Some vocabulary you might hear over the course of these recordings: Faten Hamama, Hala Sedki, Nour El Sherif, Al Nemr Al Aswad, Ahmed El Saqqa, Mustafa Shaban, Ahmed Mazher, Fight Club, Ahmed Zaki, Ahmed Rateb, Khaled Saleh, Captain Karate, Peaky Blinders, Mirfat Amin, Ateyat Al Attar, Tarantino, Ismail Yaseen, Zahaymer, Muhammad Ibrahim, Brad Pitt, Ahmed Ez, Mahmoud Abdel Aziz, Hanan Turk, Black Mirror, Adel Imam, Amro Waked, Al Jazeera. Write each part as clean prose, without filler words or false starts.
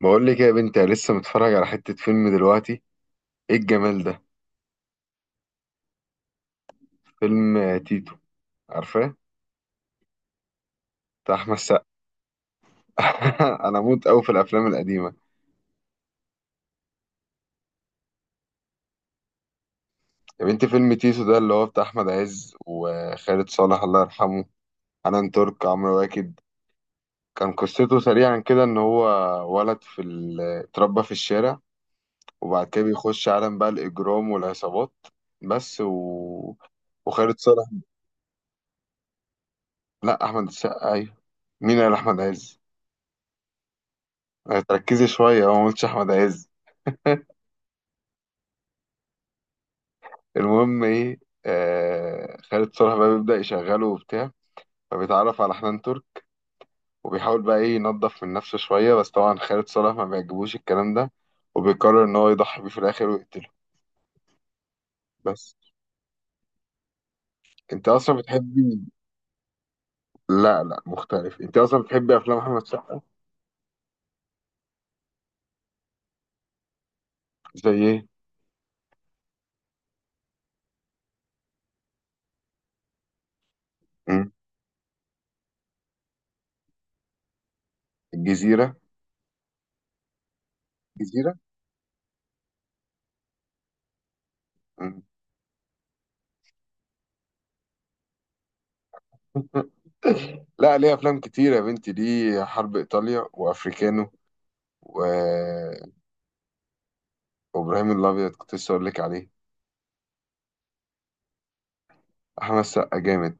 بقول لك يا بنتي، أنا لسه متفرج على حتة فيلم دلوقتي. ايه الجمال ده؟ فيلم تيتو. عارفاه؟ بتاع احمد السقا. انا اموت قوي في الافلام القديمه. يا بنتي فيلم تيتو ده اللي هو بتاع احمد عز وخالد صالح الله يرحمه، حنان ترك، عمرو واكد. كان قصته سريعا كده ان هو ولد في اتربى في الشارع. وبعد كده بيخش عالم بقى الاجرام والعصابات. بس و... وخالد صالح. لا، احمد السقا ايوه. مين قال احمد عز؟ تركزي شويه، هو ما قلتش احمد عز. المهم ايه؟ آه، خالد صالح بقى بيبدأ يشغله وبتاع. فبيتعرف على حنان ترك. وبيحاول بقى ايه ينظف من نفسه شوية، بس طبعا خالد صالح ما بيعجبوش الكلام ده، وبيقرر ان هو يضحي بيه في الاخر ويقتله. بس انت اصلا بتحبي. لا لا، مختلف. انت اصلا بتحبي افلام احمد سقا. زي ايه؟ مم. الجزيرة. الجزيرة. مم. لا، ليه افلام كتير يا بنتي، ليه؟ حرب ايطاليا وافريكانو و... وابراهيم الابيض كنت لسه اقول لك عليه. احمد سقا جامد.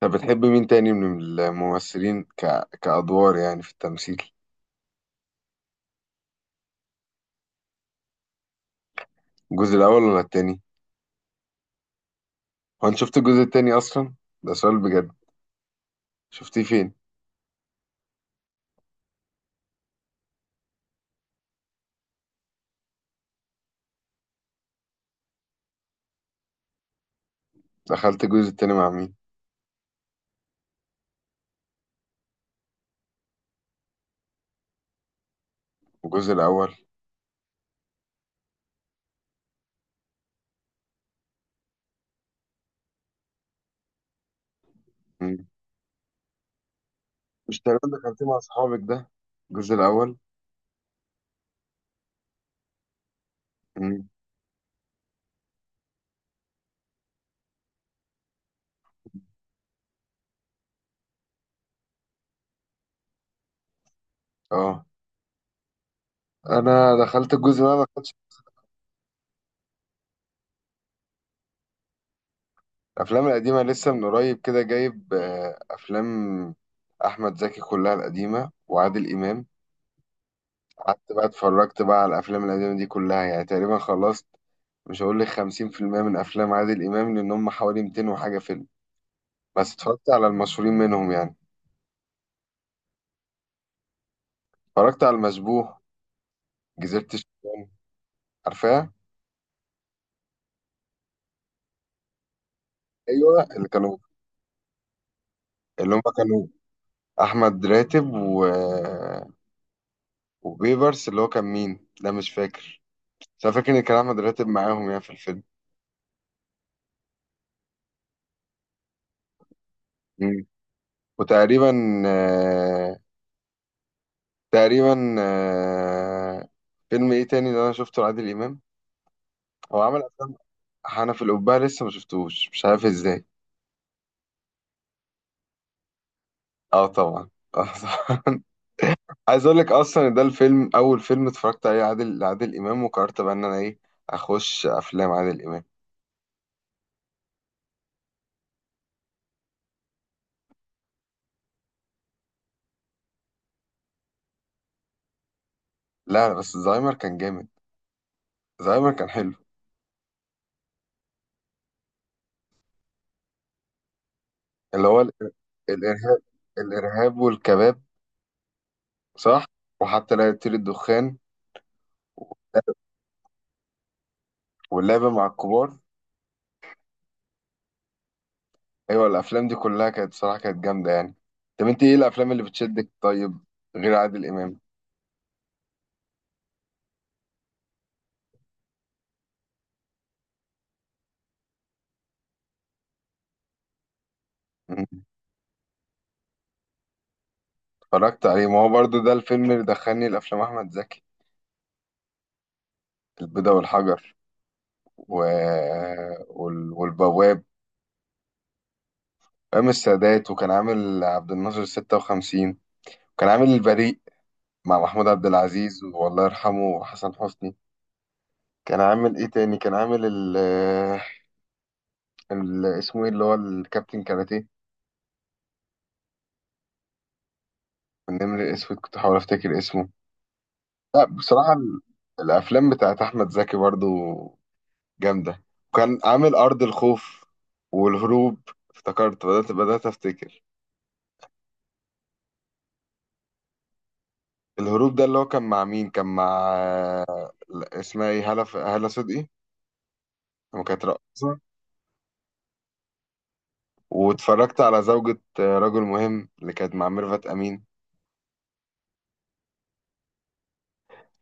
طب بتحب مين تاني من الممثلين كأدوار يعني في التمثيل؟ الجزء الأول ولا التاني؟ هو أنت شفت الجزء التاني أصلا؟ ده سؤال بجد. شفتيه فين؟ دخلت الجزء التاني مع مين؟ الجزء الأول. مم. مش تقريبا دخلتيه مع صحابك ده؟ الجزء الأول. مم. اه، أنا دخلت الجزء ده، ما دخلتش. الأفلام القديمة لسه من قريب كده جايب أفلام أحمد زكي كلها القديمة وعادل إمام. قعدت بقى اتفرجت بقى على الافلام القديمه دي كلها، يعني تقريبا خلصت. مش هقول لك 50% من افلام عادل امام لان هم حوالي 200 وحاجه فيلم. بس اتفرجت على المشهورين منهم يعني. اتفرجت على المشبوه، جزيره الشيطان. عارفاها؟ ايوه اللي كانوا. اللي هم كانوا احمد راتب وبيبرس، اللي هو كان مين؟ لا، مش فاكر. بس انا فاكر ان كان احمد راتب معاهم يعني في الفيلم. مم. وتقريبا، آه، تقريبا، فيلم ايه تاني اللي انا شفته لعادل امام؟ هو عمل افلام. حنف القبعة لسه ما شفتوش، مش عارف ازاي. اه طبعا. اه طبعا. عايز اقول لك اصلا إن ده الفيلم اول فيلم اتفرجت عليه لعادل امام، وقررت بقى ان انا ايه اخش افلام عادل امام. لا لا، بس زهايمر كان جامد. زهايمر كان حلو. اللي هو الارهاب. الارهاب والكباب. صح. وحتى لا يطير الدخان. واللعبة مع الكبار. ايوه الافلام دي كلها كانت صراحة كانت جامدة يعني. طب انت ايه الافلام اللي بتشدك طيب؟ غير عادل امام. اتفرجت عليه، ما هو برضو ده الفيلم اللي دخلني لأفلام أحمد زكي، البيضة والحجر و... والبواب. أيام السادات، وكان عامل عبد الناصر 56، وكان عامل البريء مع محمود عبد العزيز والله يرحمه وحسن حسني. كان عامل إيه تاني؟ كان عامل اسمه إيه اللي هو الكابتن كاراتيه. النمر الأسود كنت بحاول أفتكر اسمه. لا بصراحة، الأفلام بتاعت أحمد زكي برضو جامدة. كان عامل أرض الخوف والهروب. افتكرت، بدأت أفتكر. الهروب ده اللي هو كان مع مين؟ كان مع، لا، اسمها ايه، هالة هالة صدقي لما كانت رقاصة. واتفرجت على زوجة رجل مهم اللي كانت مع ميرفت أمين.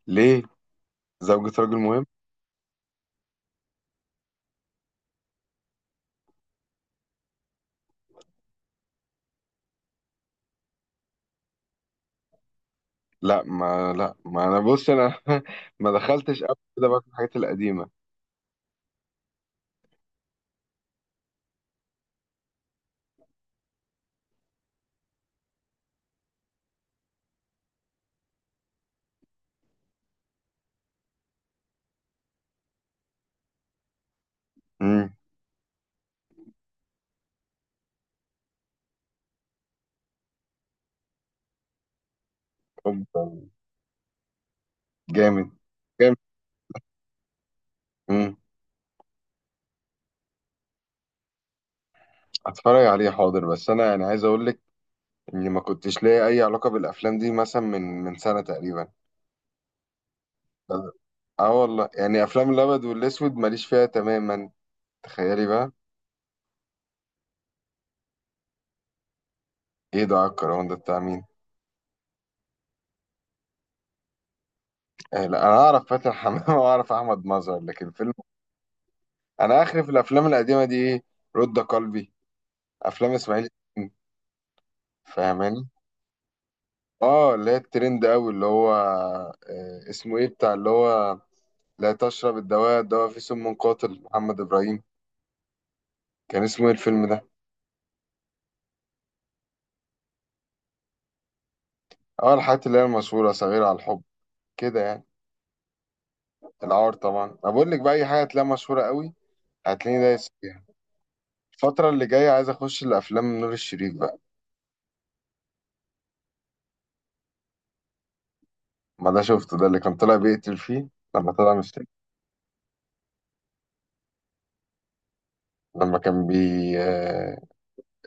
ليه؟ زوجة رجل مهم. لا، ما لا، ما أنا بص أنا ما دخلتش قبل كده بقى في الحاجات القديمة. امم. جامد. جامد. امم. هتفرج عليه حاضر، بس أنا يعني عايز أقول لك اني ما كنتش ليا اي علاقه بالافلام دي مثلا من سنه تقريبا. اه والله، يعني افلام الابيض والاسود ماليش فيها تماما. تخيلي بقى. ايه ده الكرهون ده بتاع مين؟ آه لا، انا اعرف فاتن حمامه واعرف احمد مظهر، لكن فيلم؟ انا اخري في الافلام القديمه دي ايه؟ رد قلبي، افلام اسماعيل ياسين، فاهماني؟ اه، اللي هي الترند قوي، اللي هو اسمه ايه بتاع اللي هو، لا تشرب الدواء، الدواء فيه سم قاتل، محمد ابراهيم. كان اسمه ايه الفيلم ده؟ اه الحاجات اللي هي المشهوره، صغيره على الحب كده يعني. العار طبعا، انا بقول لك بقى اي حاجه هتلاقيها مشهوره قوي هتلاقيني دايس فيها. الفتره اللي جايه عايز اخش لافلام نور الشريف بقى. ما ده شفته، ده اللي كان طالع بيقتل فيه لما طلع مشتاق. لما كان بي آه،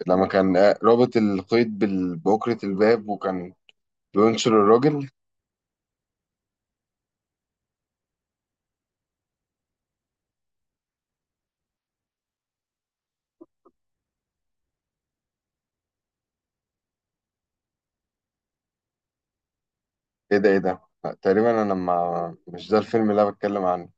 لما كان رابط القيد بأكرة الباب، وكان بينشر الراجل. ايه ده، ايه ده، لا، تقريبا انا ما مش ده الفيلم اللي انا بتكلم عنه.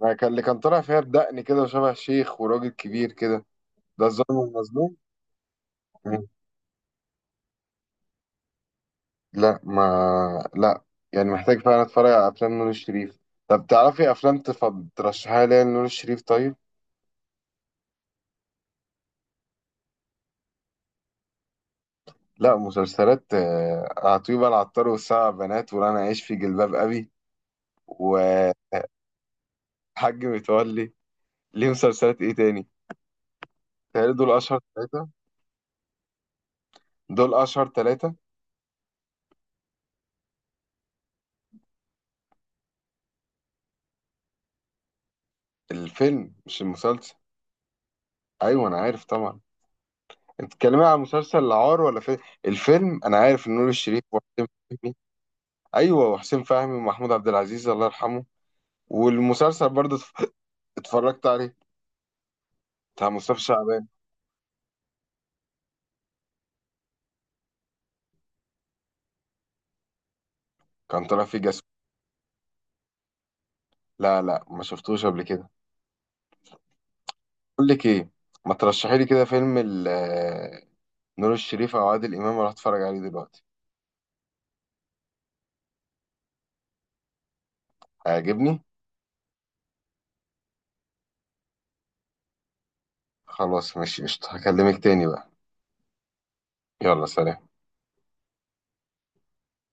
لا، كان اللي كان طالع فيها بدقن كده وشبه شيخ وراجل كبير كده، ده الظالم المظلوم. لا ما لا. يعني محتاج فعلا اتفرج على افلام نور الشريف. طب تعرفي افلام ترشحها لي نور الشريف طيب؟ لا، مسلسلات. عطيبة العطار والسبع بنات وانا عايش في جلباب ابي، وحاج متولي. ليه مسلسلات ايه تاني؟ تهيألي دول اشهر ثلاثة. دول اشهر ثلاثة. الفيلم مش المسلسل. ايوه انا عارف طبعا. انت بتتكلمي عن مسلسل العار ولا فيلم؟ الفيلم انا عارف إن نور الشريف وحسين فهمي. ايوه وحسين فهمي ومحمود عبد العزيز الله يرحمه. والمسلسل برضه اتفرجت عليه بتاع مصطفى شعبان. كان طالع فيه جاسم. لا لا، ما شفتوش قبل كده. اقول لك ايه، ما ترشحي لي كده فيلم نور الشريف او عادل امام اروح اتفرج عليه دلوقتي. هيعجبني. خلاص ماشي قشطة، هكلمك تاني بقى. يلا سلام.